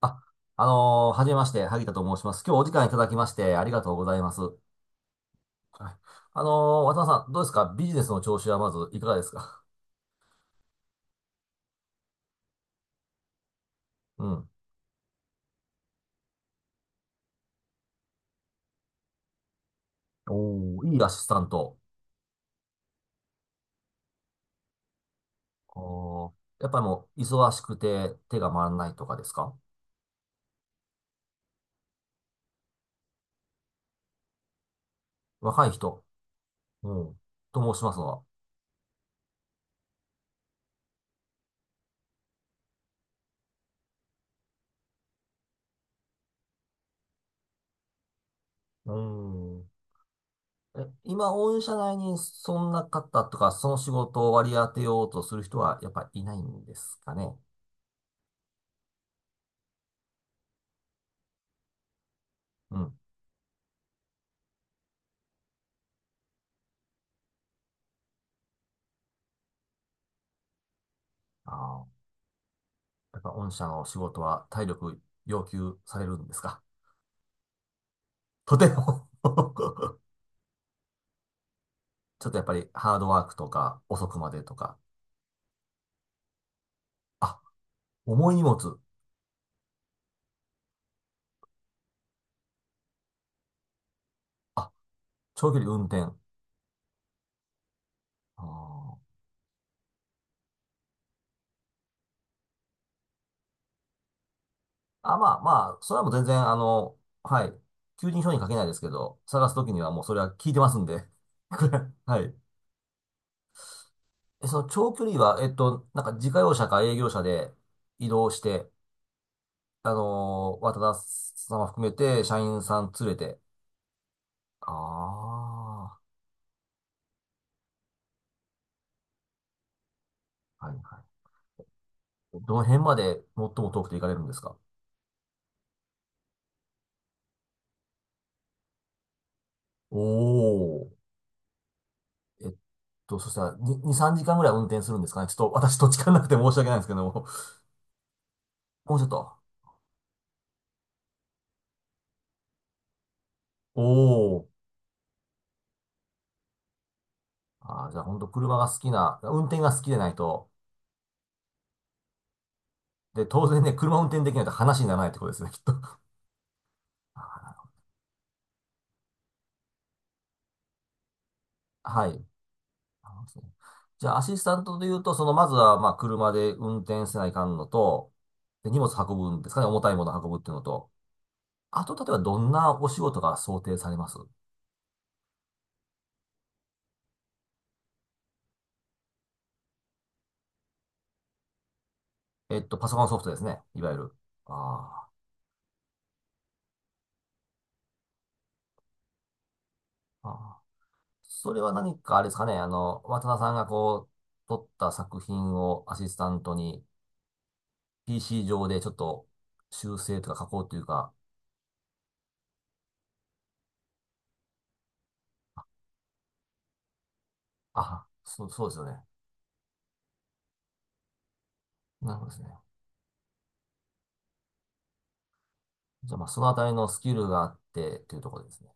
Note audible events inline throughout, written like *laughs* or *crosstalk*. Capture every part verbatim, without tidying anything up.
あ、あのーはじめまして、萩田と申します。今日お時間いただきましてありがとうございます。はい。あのー渡辺さん、どうですか？ビジネスの調子はまずいかがですか？うん。おー、いいアシスタント。おー、やっぱりもう、忙しくて手が回らないとかですか？若い人。うん。と申しますのは？うん。え、今、御社内にそんな方とか、その仕事を割り当てようとする人は、やっぱいないんですかね？うん。あー、やっぱ御社の仕事は体力要求されるんですか？ *laughs* とても *laughs* ちょっとやっぱりハードワークとか遅くまでとか、あ、重い荷物、あ、長距離運転。あー、あ、まあまあ、それはもう全然あの、はい、求人票に書けないですけど、探すときにはもうそれは聞いてますんで。*laughs* はい。え、その長距離は、えっと、なんか自家用車か営業車で移動して、あのー、渡田様含めて社員さん連れて、ああ、はいはい。どの辺まで最も遠くて行かれるんですか？おおー。えっと、そしたらに、に、さんじかんぐらい運転するんですかね？ちょっと私土地勘なくて申し訳ないんですけども。もうちょっと。おお。あー、じゃあ本当車が好きな、運転が好きでないと。で、当然ね、車運転できないと話にならないってことですね、きっと。*laughs* あー、はい。あのそうじゃあ、アシスタントで言うと、その、まずは、まあ、車で運転せないかんのと、で、荷物運ぶんですかね、重たいもの運ぶっていうのと、あと、例えば、どんなお仕事が想定されます？えっと、パソコンソフトですね。いわゆる。あー、あー。それは何かあれですかね。あの、渡田さんがこう、撮った作品をアシスタントに ピーシー 上でちょっと修正とか加工というか、あ、そう、そうですよね。なるほどですね。じゃあまあ、そのあたりのスキルがあってというところですね。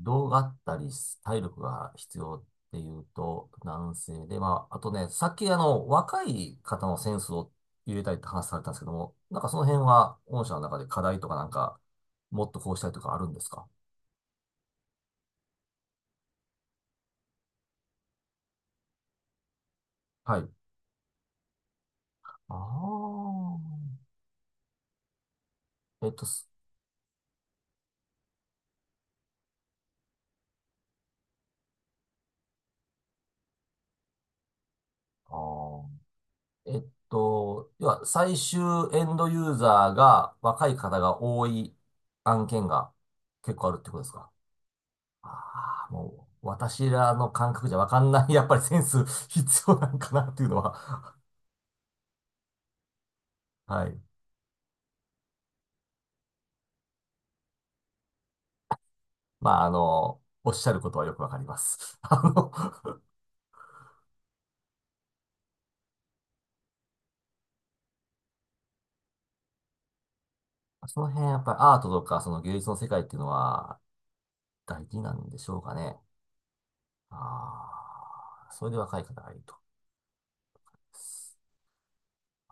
動があったり、体力が必要っていうと、男性で、まあ、あとね、さっきあの、若い方のセンスを入れたいって話されたんですけども、なんかその辺は、御社の中で課題とかなんか、もっとこうしたいとかあるんですか？はい。ああ。えっと、すあーえっと、要は、最終エンドユーザーが若い方が多い案件が結構あるってことですか？ああ、もう、私らの感覚じゃわかんない、*laughs* やっぱりセンス必要なんかなっていうのは、はい。まあ、あの、おっしゃることはよくわかります。*laughs* あの、*laughs* その辺、やっぱりアートとか、その芸術の世界っていうのは、大事なんでしょうかね。ああ、それで若い方がいると。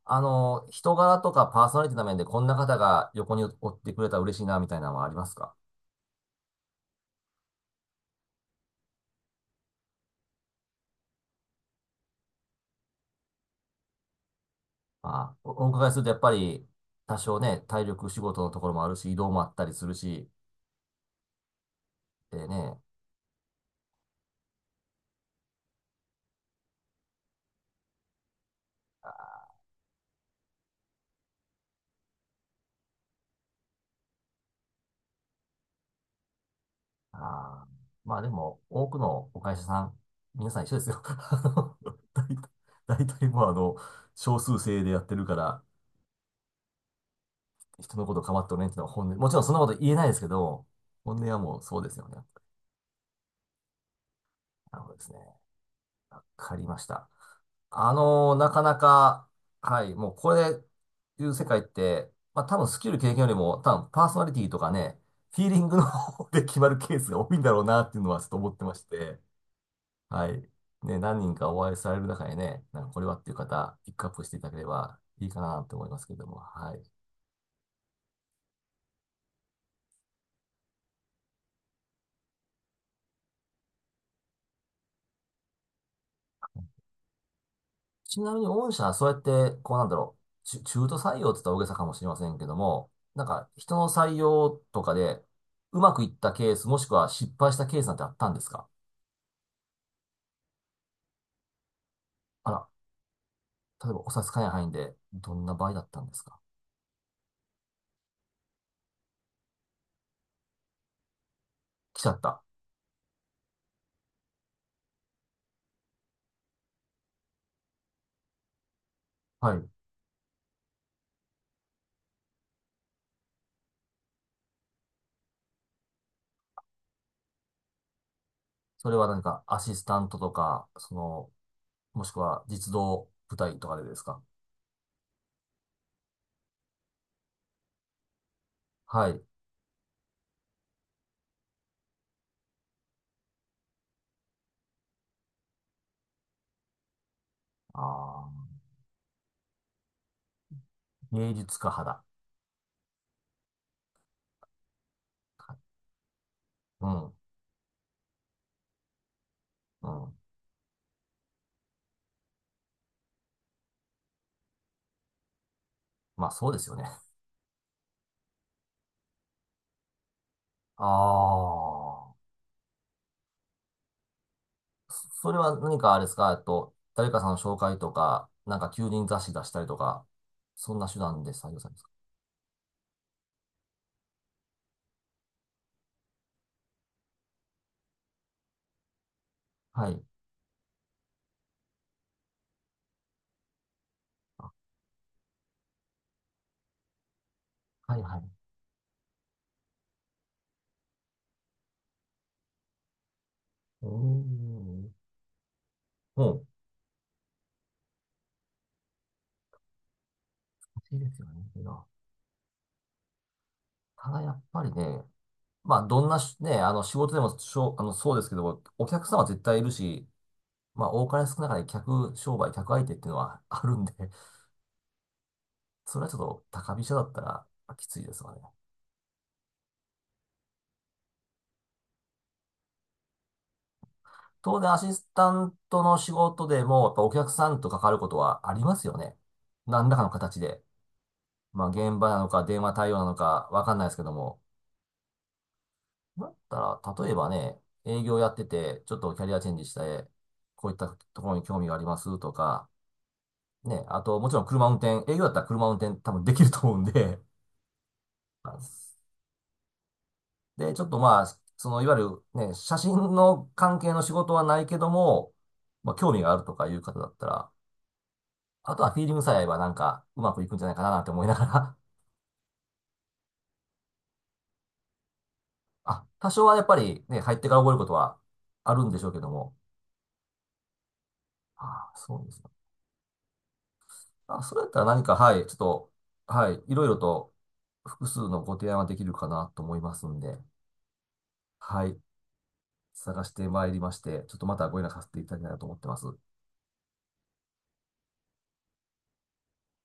あの、人柄とかパーソナリティの面で、こんな方が横におってくれたら嬉しいな、みたいなのはありますか？まあ、おお伺いすると、やっぱり、多少ね、体力仕事のところもあるし、移動もあったりするし、でね、あー、まあでも、多くのお会社さん、皆さん一緒ですよ。*laughs* あの大体、大体もうあの、少数制でやってるから、人のこと構っておれんっていうのは本音。もちろんそんなこと言えないですけど、本音はもうそうですよね。なるほどですね。わかりました。あのーなかなか、はい、もうこれ、いう世界って、まあ多分スキル経験よりも、多分パーソナリティとかね、フィーリングの方で決まるケースが多いんだろうなっていうのはちょっと思ってまして、はい。ね、何人かお会いされる中でね、なんかこれはっていう方、ピックアップしていただければいいかなと思いますけれども、はい。ちなみに御社はそうやって、こうなんだろう、ちゅ中途採用って言ったら大げさかもしれませんけども、なんか人の採用とかで、うまくいったケース、もしくは失敗したケースなんてあったんですか？あら、例えばお差し支えない範囲で、どんな場合だったんですか？来ちゃった。はい。それは何かアシスタントとか、その、もしくは実動部隊とかでですか？はい。ああ。芸術家派だ。はい。うん。うん。まあ、そうですよね。ああ。それは何かあれですか？えっと、誰かさんの紹介とか、なんか求人雑誌出したりとか、そんな手段で採用されますか？はい。あ、はいはい。うーん。もう、欲しいですよね。いいな。ただやっぱりね、まあ、どんなしね、あの、仕事でもしょう、あの、そうですけど、お客様は絶対いるし、まあ、多かれ少なかれ客商売、客相手っていうのはあるんで、それはちょっと高飛車だったらきついですわね。当然アシスタントの仕事でも、やっぱお客さんと関わることはありますよね。何らかの形で。まあ、現場なのか、電話対応なのか、わかんないですけども。だったら、例えばね、営業やってて、ちょっとキャリアチェンジして、こういったところに興味がありますとか、ね、あと、もちろん車運転、営業だったら車運転多分できると思うんで、*laughs* で、ちょっとまあ、その、いわゆるね、写真の関係の仕事はないけども、まあ、興味があるとかいう方だったら、あとはフィーリングさえ合えばなんかうまくいくんじゃないかななんて思いながら *laughs* あ、多少はやっぱりね、入ってから覚えることはあるんでしょうけども。ああ、そうですか。あ、それやったら何か、はい、ちょっと、はい、いろいろと複数のご提案はできるかなと思いますんで、はい、探してまいりまして、ちょっとまたご連絡させていただきたいなと思ってます。